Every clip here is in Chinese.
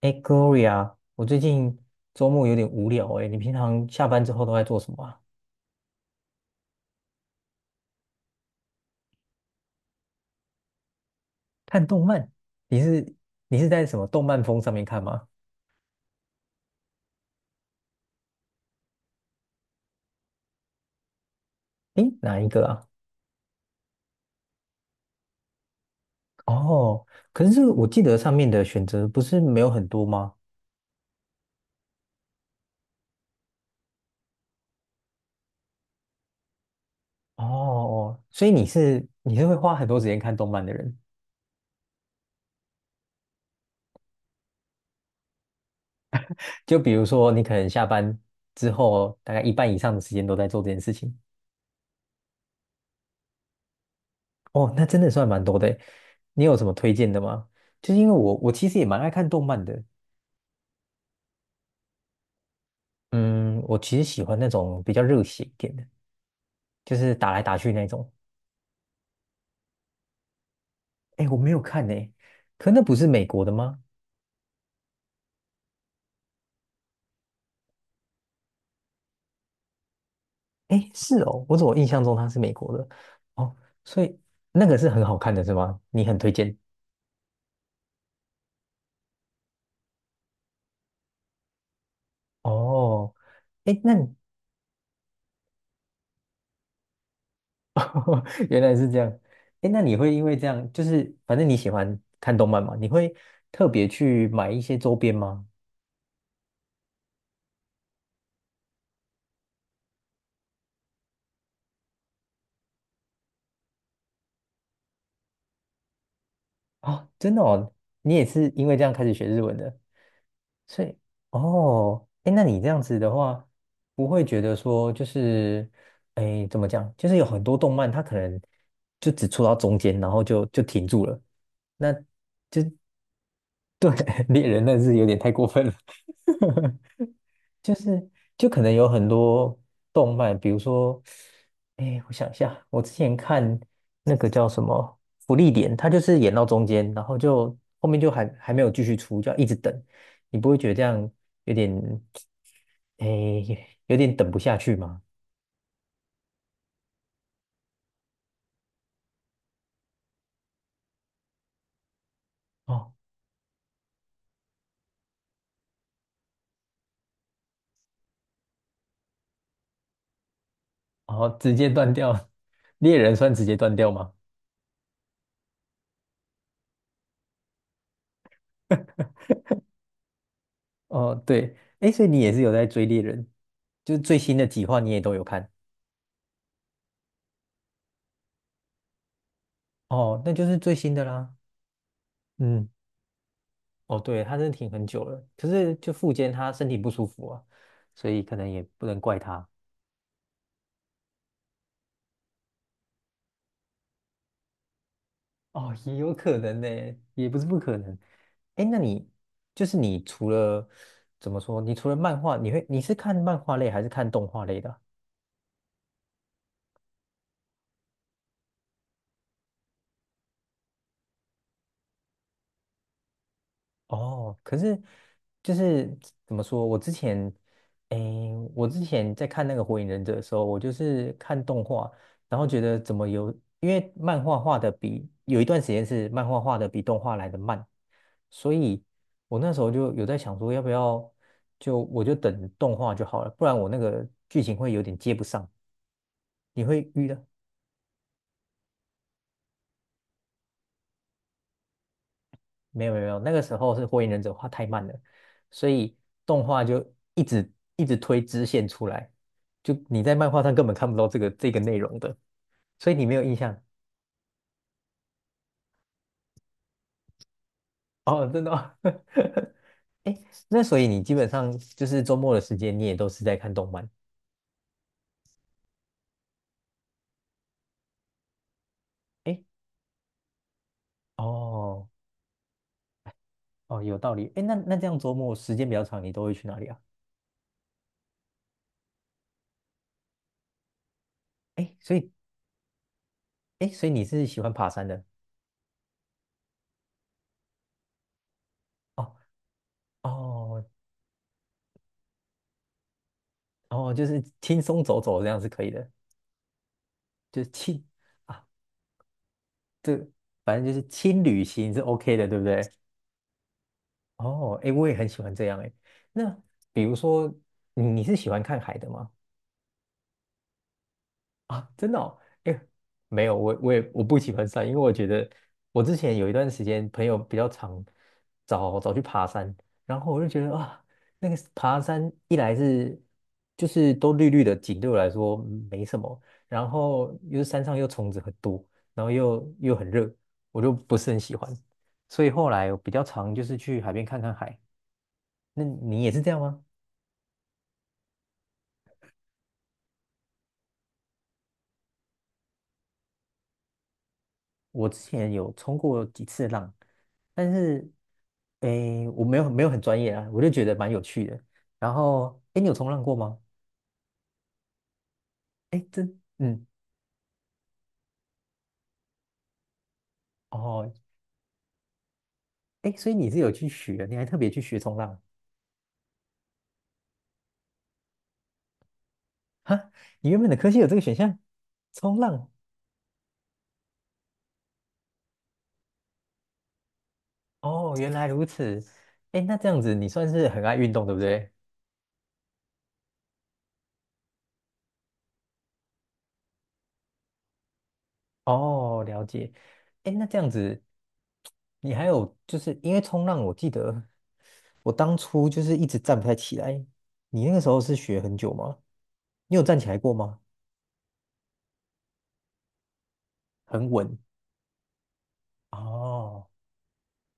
哎，Gloria，我最近周末有点无聊哎，你平常下班之后都在做什么啊？看动漫？你是你是在什么动漫风上面看吗？哎，哪一个啊？哦，可是这个我记得上面的选择不是没有很多吗？哦，所以你是会花很多时间看动漫的人，就比如说你可能下班之后大概一半以上的时间都在做这件事情。哦，那真的算蛮多的诶。你有什么推荐的吗？就是因为我其实也蛮爱看动漫的，嗯，我其实喜欢那种比较热血一点的，就是打来打去那种。哎，我没有看呢，可那不是美国的吗？哎，是哦，我怎么印象中它是美国的？哦，所以那个是很好看的是吗？你很推荐哦。哎，那你 原来是这样。哎，那你会因为这样，就是反正你喜欢看动漫嘛，你会特别去买一些周边吗？啊，真的哦，你也是因为这样开始学日文的。所以，哦，哎，那你这样子的话，不会觉得说就是，哎，怎么讲？就是有很多动漫，它可能就只出到中间，然后就停住了。那就对 猎人那是有点太过分了。就是可能有很多动漫，比如说，哎，我想一下，我之前看那个叫什么《福利点》，它就是演到中间，然后就后面就还没有继续出，就要一直等，你不会觉得这样有点，哎，有点等不下去吗？哦，哦，直接断掉，猎人算直接断掉吗？哦，对，哎，所以你也是有在追猎人，就是最新的几话你也都有看，哦，那就是最新的啦。嗯。哦，对，他真的挺很久了，可是就复健他身体不舒服啊，所以可能也不能怪他。哦，也有可能呢，也不是不可能。哎，那你就是你除了怎么说，你除了漫画，你是看漫画类还是看动画类的啊？哦，可是就是怎么说，我之前在看那个《火影忍者》的时候，我就是看动画，然后觉得怎么有，因为漫画画的比有一段时间是漫画画的比动画来的慢，所以我那时候就有在想说，要不要我就等动画就好了，不然我那个剧情会有点接不上。你会遇到没有没有没有，那个时候是《火影忍者》画太慢了，所以动画就一直一直推支线出来，就你在漫画上根本看不到这个内容的，所以你没有印象哦，真的哦。哎那所以你基本上就是周末的时间，你也都是在看动漫。哎，哦哦，有道理。哎，那这样周末时间比较长，你都会去哪里啊？哎，所以哎，所以你是喜欢爬山的？哦哦哦，就是轻松走走这样是可以的，就是轻 啊。这反正就是轻旅行是 OK 的，对不对？哦，哎，我也很喜欢这样哎。那比如说，你是喜欢看海的吗？啊，真的哦，哎，没有，我不喜欢山，因为我觉得我之前有一段时间朋友比较常找去爬山，然后我就觉得啊，那个爬山一来是就是都绿绿的景，对我来说没什么，然后又是山上又虫子很多，然后又很热，我就不是很喜欢，所以后来我比较常就是去海边看看海。那你也是这样吗？我之前有冲过几次浪，但是我没有很专业啊，我就觉得蛮有趣的。然后，诶，你有冲浪过吗？诶，真，嗯，哦，诶，所以你是有去学，你还特别去学冲浪哈？你原本的科系有这个选项，冲浪。哦，原来如此。诶，那这样子你算是很爱运动，对不对？哦，了解。诶，那这样子，你还有就是因为冲浪，我记得我当初就是一直站不太起来。你那个时候是学很久吗？你有站起来过吗？很稳。哦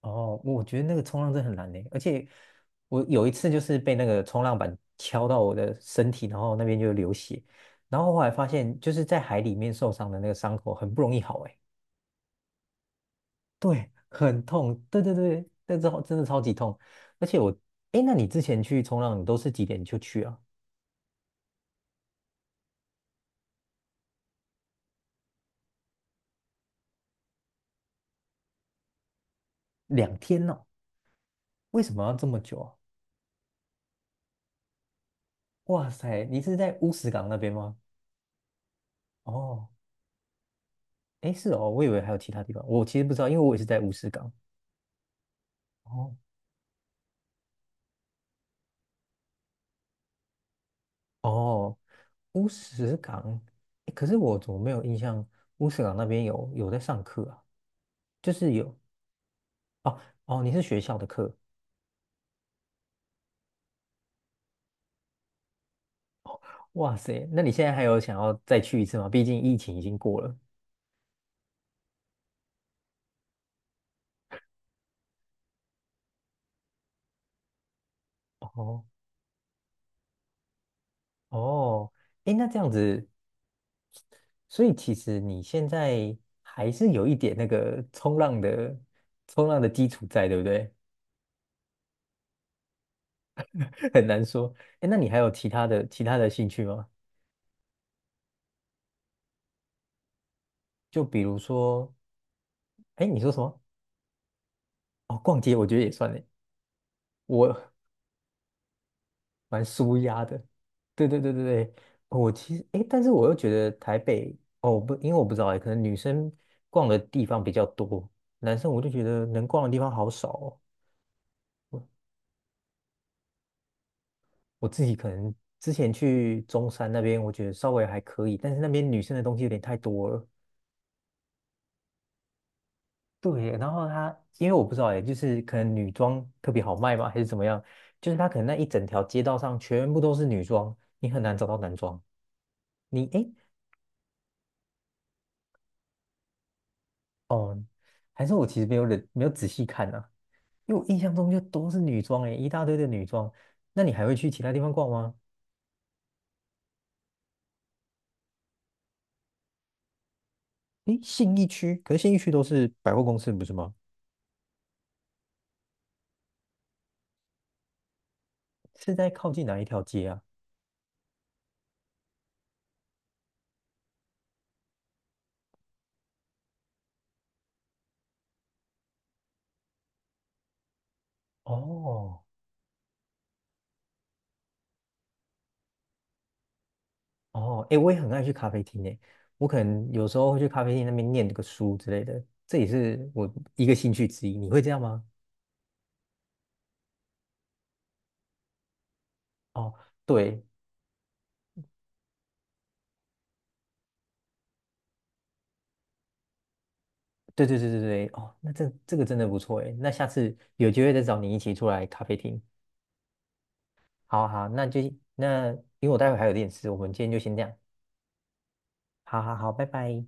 哦，我觉得那个冲浪真的很难呢，而且我有一次就是被那个冲浪板敲到我的身体，然后那边就流血，然后后来发现就是在海里面受伤的那个伤口很不容易好，哎，对，很痛，对对对，之是真的超级痛，而且我，哎，那你之前去冲浪，你都是几点就去啊？2天哦，为什么要这么久啊？哇塞，你是在乌石港那边吗？哦，哎，是哦，我以为还有其他地方，我其实不知道，因为我也是在乌石港。哦。哦，乌石港，诶可是我怎么没有印象乌石港那边有在上课啊？就是有哦哦，你是学校的课，哇塞，那你现在还有想要再去一次吗？毕竟疫情已经过了。哦哦，诶，那这样子，所以其实你现在还是有一点那个冲浪的基础在，对不对？很难说。诶，那你还有其他的兴趣吗？就比如说，诶，你说什么？哦，逛街，我觉得也算诶。我蛮舒压的。对对对对对，哦我其实诶，但是我又觉得台北哦，我不，因为我不知道诶，可能女生逛的地方比较多，男生我就觉得能逛的地方好少哦。我我自己可能之前去中山那边，我觉得稍微还可以，但是那边女生的东西有点太多了。对，然后它因为我不知道诶，就是可能女装特别好卖嘛，还是怎么样？就是它可能那一整条街道上全部都是女装，你很难找到男装。你哎，哦，还是我其实没有仔细看啊，因为我印象中就都是女装诶，一大堆的女装。那你还会去其他地方逛吗？诶，信义区，可是信义区都是百货公司，不是吗？是在靠近哪一条街啊？哦哦，诶，我也很爱去咖啡厅诶，我可能有时候会去咖啡厅那边念个书之类的，这也是我一个兴趣之一。你会这样吗？哦，对对对对对对，哦，那这个真的不错诶，那下次有机会再找你一起出来咖啡厅。好好，那因为我待会还有点事，我们今天就先这样。好好好，拜拜。